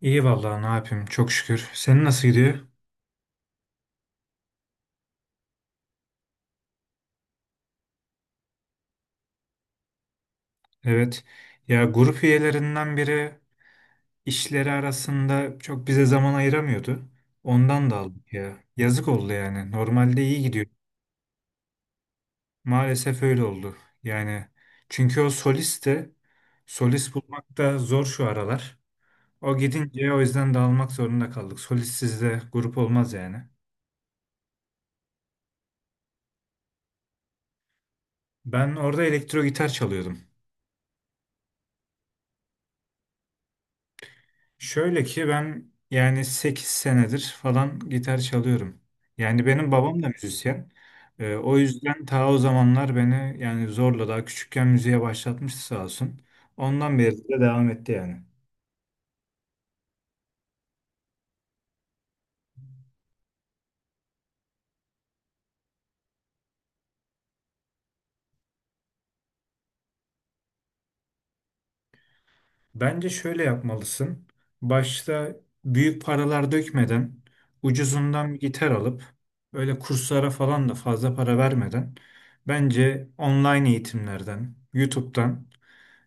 İyi vallahi ne yapayım çok şükür. Senin nasıl gidiyor? Evet. Ya grup üyelerinden biri işleri arasında çok bize zaman ayıramıyordu. Ondan da aldık ya. Yazık oldu yani. Normalde iyi gidiyor. Maalesef öyle oldu. Yani çünkü o solist de solist bulmak da zor şu aralar. O gidince o yüzden dağılmak zorunda kaldık. Solistsiz de grup olmaz yani. Ben orada elektro gitar çalıyordum. Şöyle ki ben yani 8 senedir falan gitar çalıyorum. Yani benim babam da müzisyen. O yüzden ta o zamanlar beni yani zorla daha küçükken müziğe başlatmıştı sağ olsun. Ondan beri de devam etti yani. Bence şöyle yapmalısın. Başta büyük paralar dökmeden ucuzundan bir gitar alıp öyle kurslara falan da fazla para vermeden bence online eğitimlerden, YouTube'dan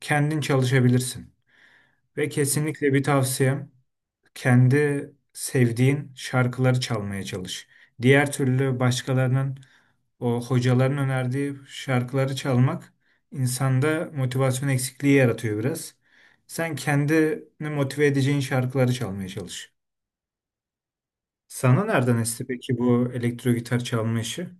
kendin çalışabilirsin. Ve kesinlikle bir tavsiyem kendi sevdiğin şarkıları çalmaya çalış. Diğer türlü başkalarının o hocaların önerdiği şarkıları çalmak insanda motivasyon eksikliği yaratıyor biraz. Sen kendini motive edeceğin şarkıları çalmaya çalış. Sana nereden esti peki bu elektro gitar çalma işi?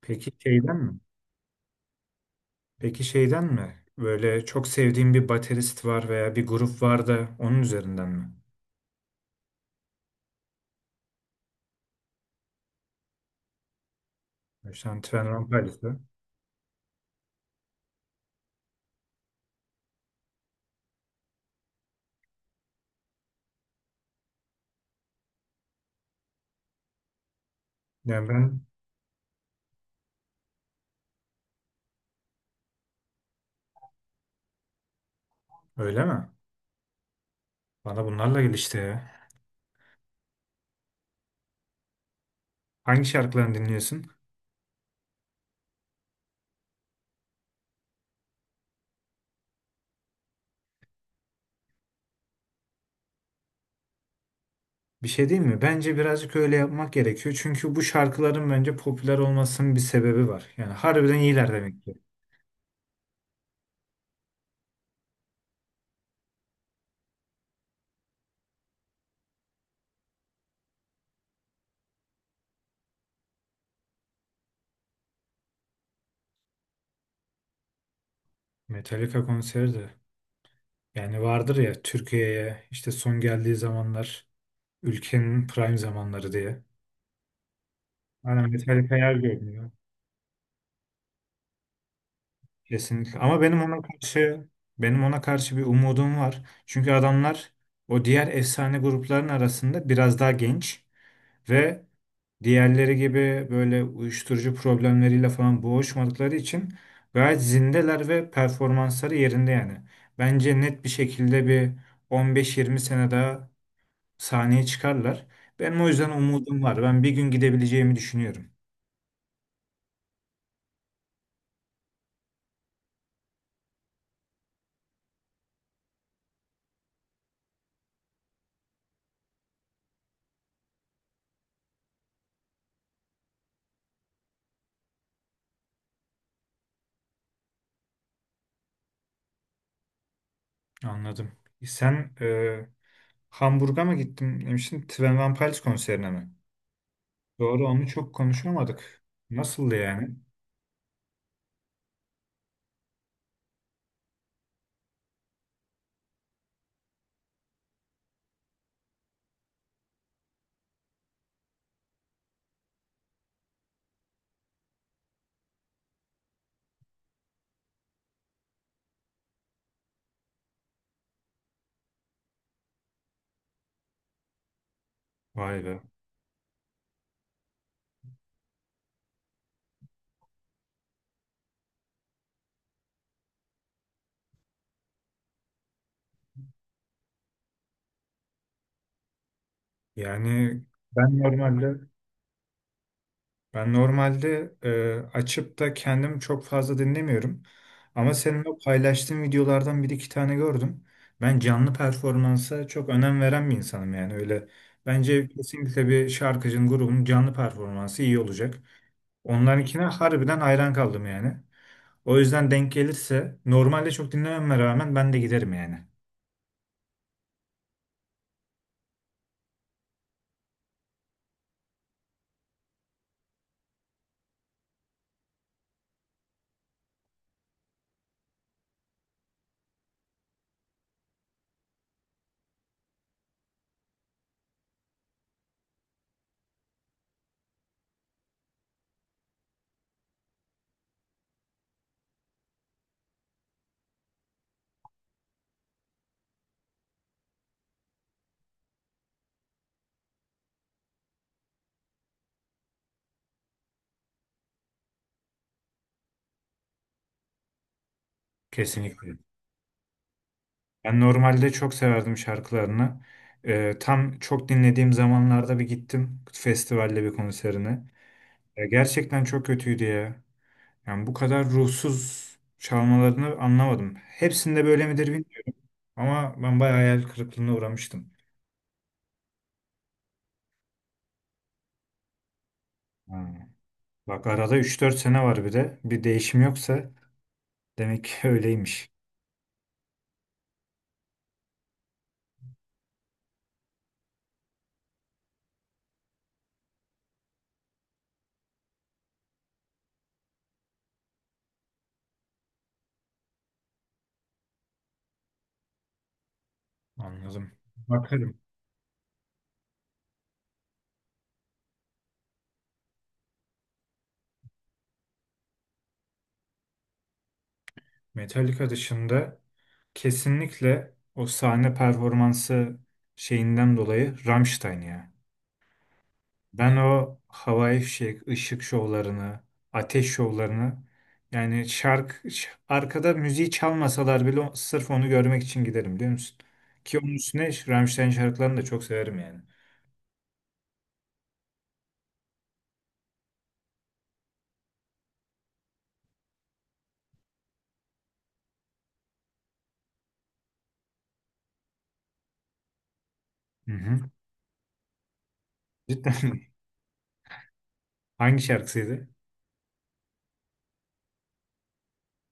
Peki şeyden mi? Peki şeyden mi? Böyle çok sevdiğin bir baterist var veya bir grup var da onun üzerinden mi? Mesela Twenty One Pilots'ı. Ya ben öyle mi? Bana bunlarla gelişti ya. Hangi şarkılarını dinliyorsun? Bir şey değil mi? Bence birazcık öyle yapmak gerekiyor. Çünkü bu şarkıların bence popüler olmasının bir sebebi var. Yani harbiden iyiler demek ki. Metallica konseri de. Yani vardır ya Türkiye'ye işte son geldiği zamanlar ülkenin prime zamanları diye. Aynen Metallica yer görünüyor. Kesinlikle. Ama benim ona karşı bir umudum var. Çünkü adamlar o diğer efsane grupların arasında biraz daha genç ve diğerleri gibi böyle uyuşturucu problemleriyle falan boğuşmadıkları için gayet zindeler ve performansları yerinde yani. Bence net bir şekilde bir 15-20 sene daha sahneye çıkarlar. Benim o yüzden umudum var. Ben bir gün gidebileceğimi düşünüyorum. Anladım. Sen Hamburg'a mı gittin demiştin? Twenty One Pilots konserine mi? Doğru onu çok konuşamadık. Nasıldı yani? Vay be. Yani ben normalde Ben normalde e, açıp da kendim çok fazla dinlemiyorum. Ama senin o paylaştığın videolardan bir iki tane gördüm. Ben canlı performansa çok önem veren bir insanım yani öyle. Bence kesinlikle bir şarkıcının grubun canlı performansı iyi olacak. Onlarınkine harbiden hayran kaldım yani. O yüzden denk gelirse normalde çok dinlememe rağmen ben de giderim yani. Kesinlikle. Ben normalde çok severdim şarkılarını. Tam çok dinlediğim zamanlarda bir gittim festivalde bir konserine. Ya gerçekten çok kötüydü ya. Yani bu kadar ruhsuz çalmalarını anlamadım. Hepsinde böyle midir bilmiyorum ama ben bayağı hayal kırıklığına uğramıştım. Ha. Bak arada 3-4 sene var bir de. Bir değişim yoksa demek ki öyleymiş. Anladım. Bakarım. Metallica dışında kesinlikle o sahne performansı şeyinden dolayı Rammstein ya. Ben o havai fişek, ışık şovlarını, ateş şovlarını yani arkada müziği çalmasalar bile sırf onu görmek için giderim biliyor musun? Ki onun üstüne Rammstein şarkılarını da çok severim yani. Hı hı. Cidden mi? Hangi şarkısıydı?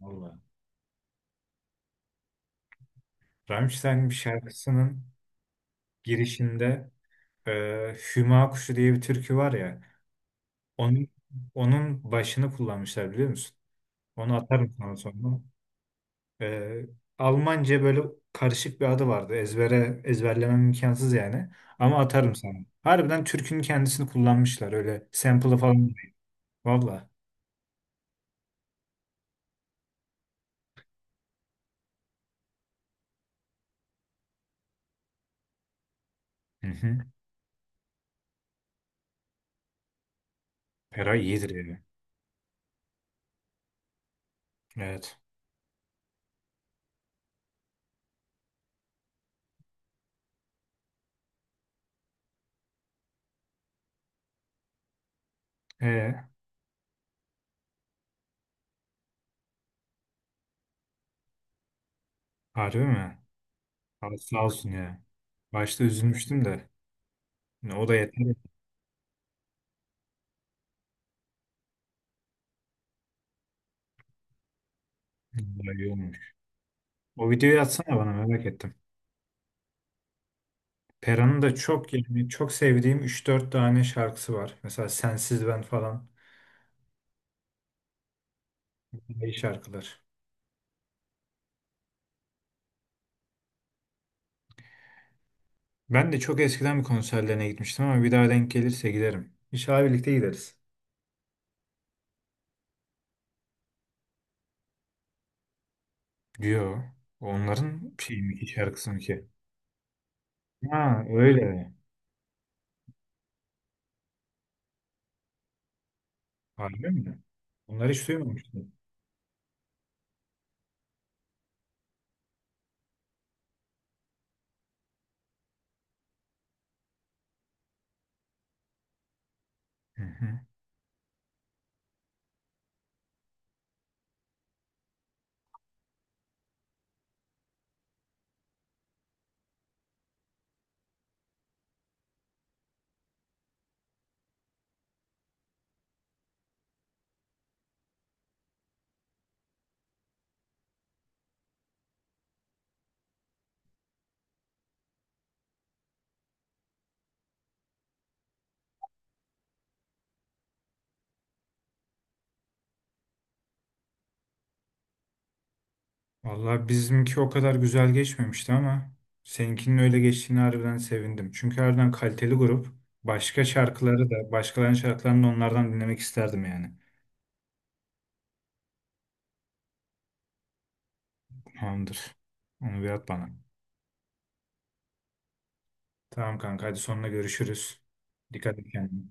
Vallahi. Rammstein bir şarkısının girişinde e, Hüma Kuşu diye bir türkü var ya onun onun başını kullanmışlar biliyor musun? Onu atarım sana sonra. Ee, Almanca böyle karışık bir adı vardı. Ezberlemem imkansız yani. Ama atarım sana. Harbiden türkünün kendisini kullanmışlar. Öyle sample'ı değil. Valla. Hı hı. Eray iyidir yani. Evet. Ee, harbi mi? Abi sağ olsun ya. Başta üzülmüştüm de. Ne? O da yeter. Vallahi iyi olmuş. O videoyu atsana bana merak ettim. Pera'nın da çok yani çok sevdiğim 3-4 tane şarkısı var. Mesela Sensiz Ben falan. İyi şarkılar. Ben de çok eskiden bir konserlerine gitmiştim ama bir daha denk gelirse giderim. İnşallah birlikte gideriz. Diyor. Onların şey mi ki şarkısı mı ki? Ha öyle. Harbi mi? Onları hiç duymamıştım. Hı hı. Vallahi bizimki o kadar güzel geçmemişti ama seninkinin öyle geçtiğini harbiden sevindim. Çünkü harbiden kaliteli grup. Başka şarkıları da, başkalarının şarkılarını da onlardan dinlemek isterdim yani. Tamamdır. Onu bir at bana. Tamam kanka hadi sonuna görüşürüz. Dikkat et kendine.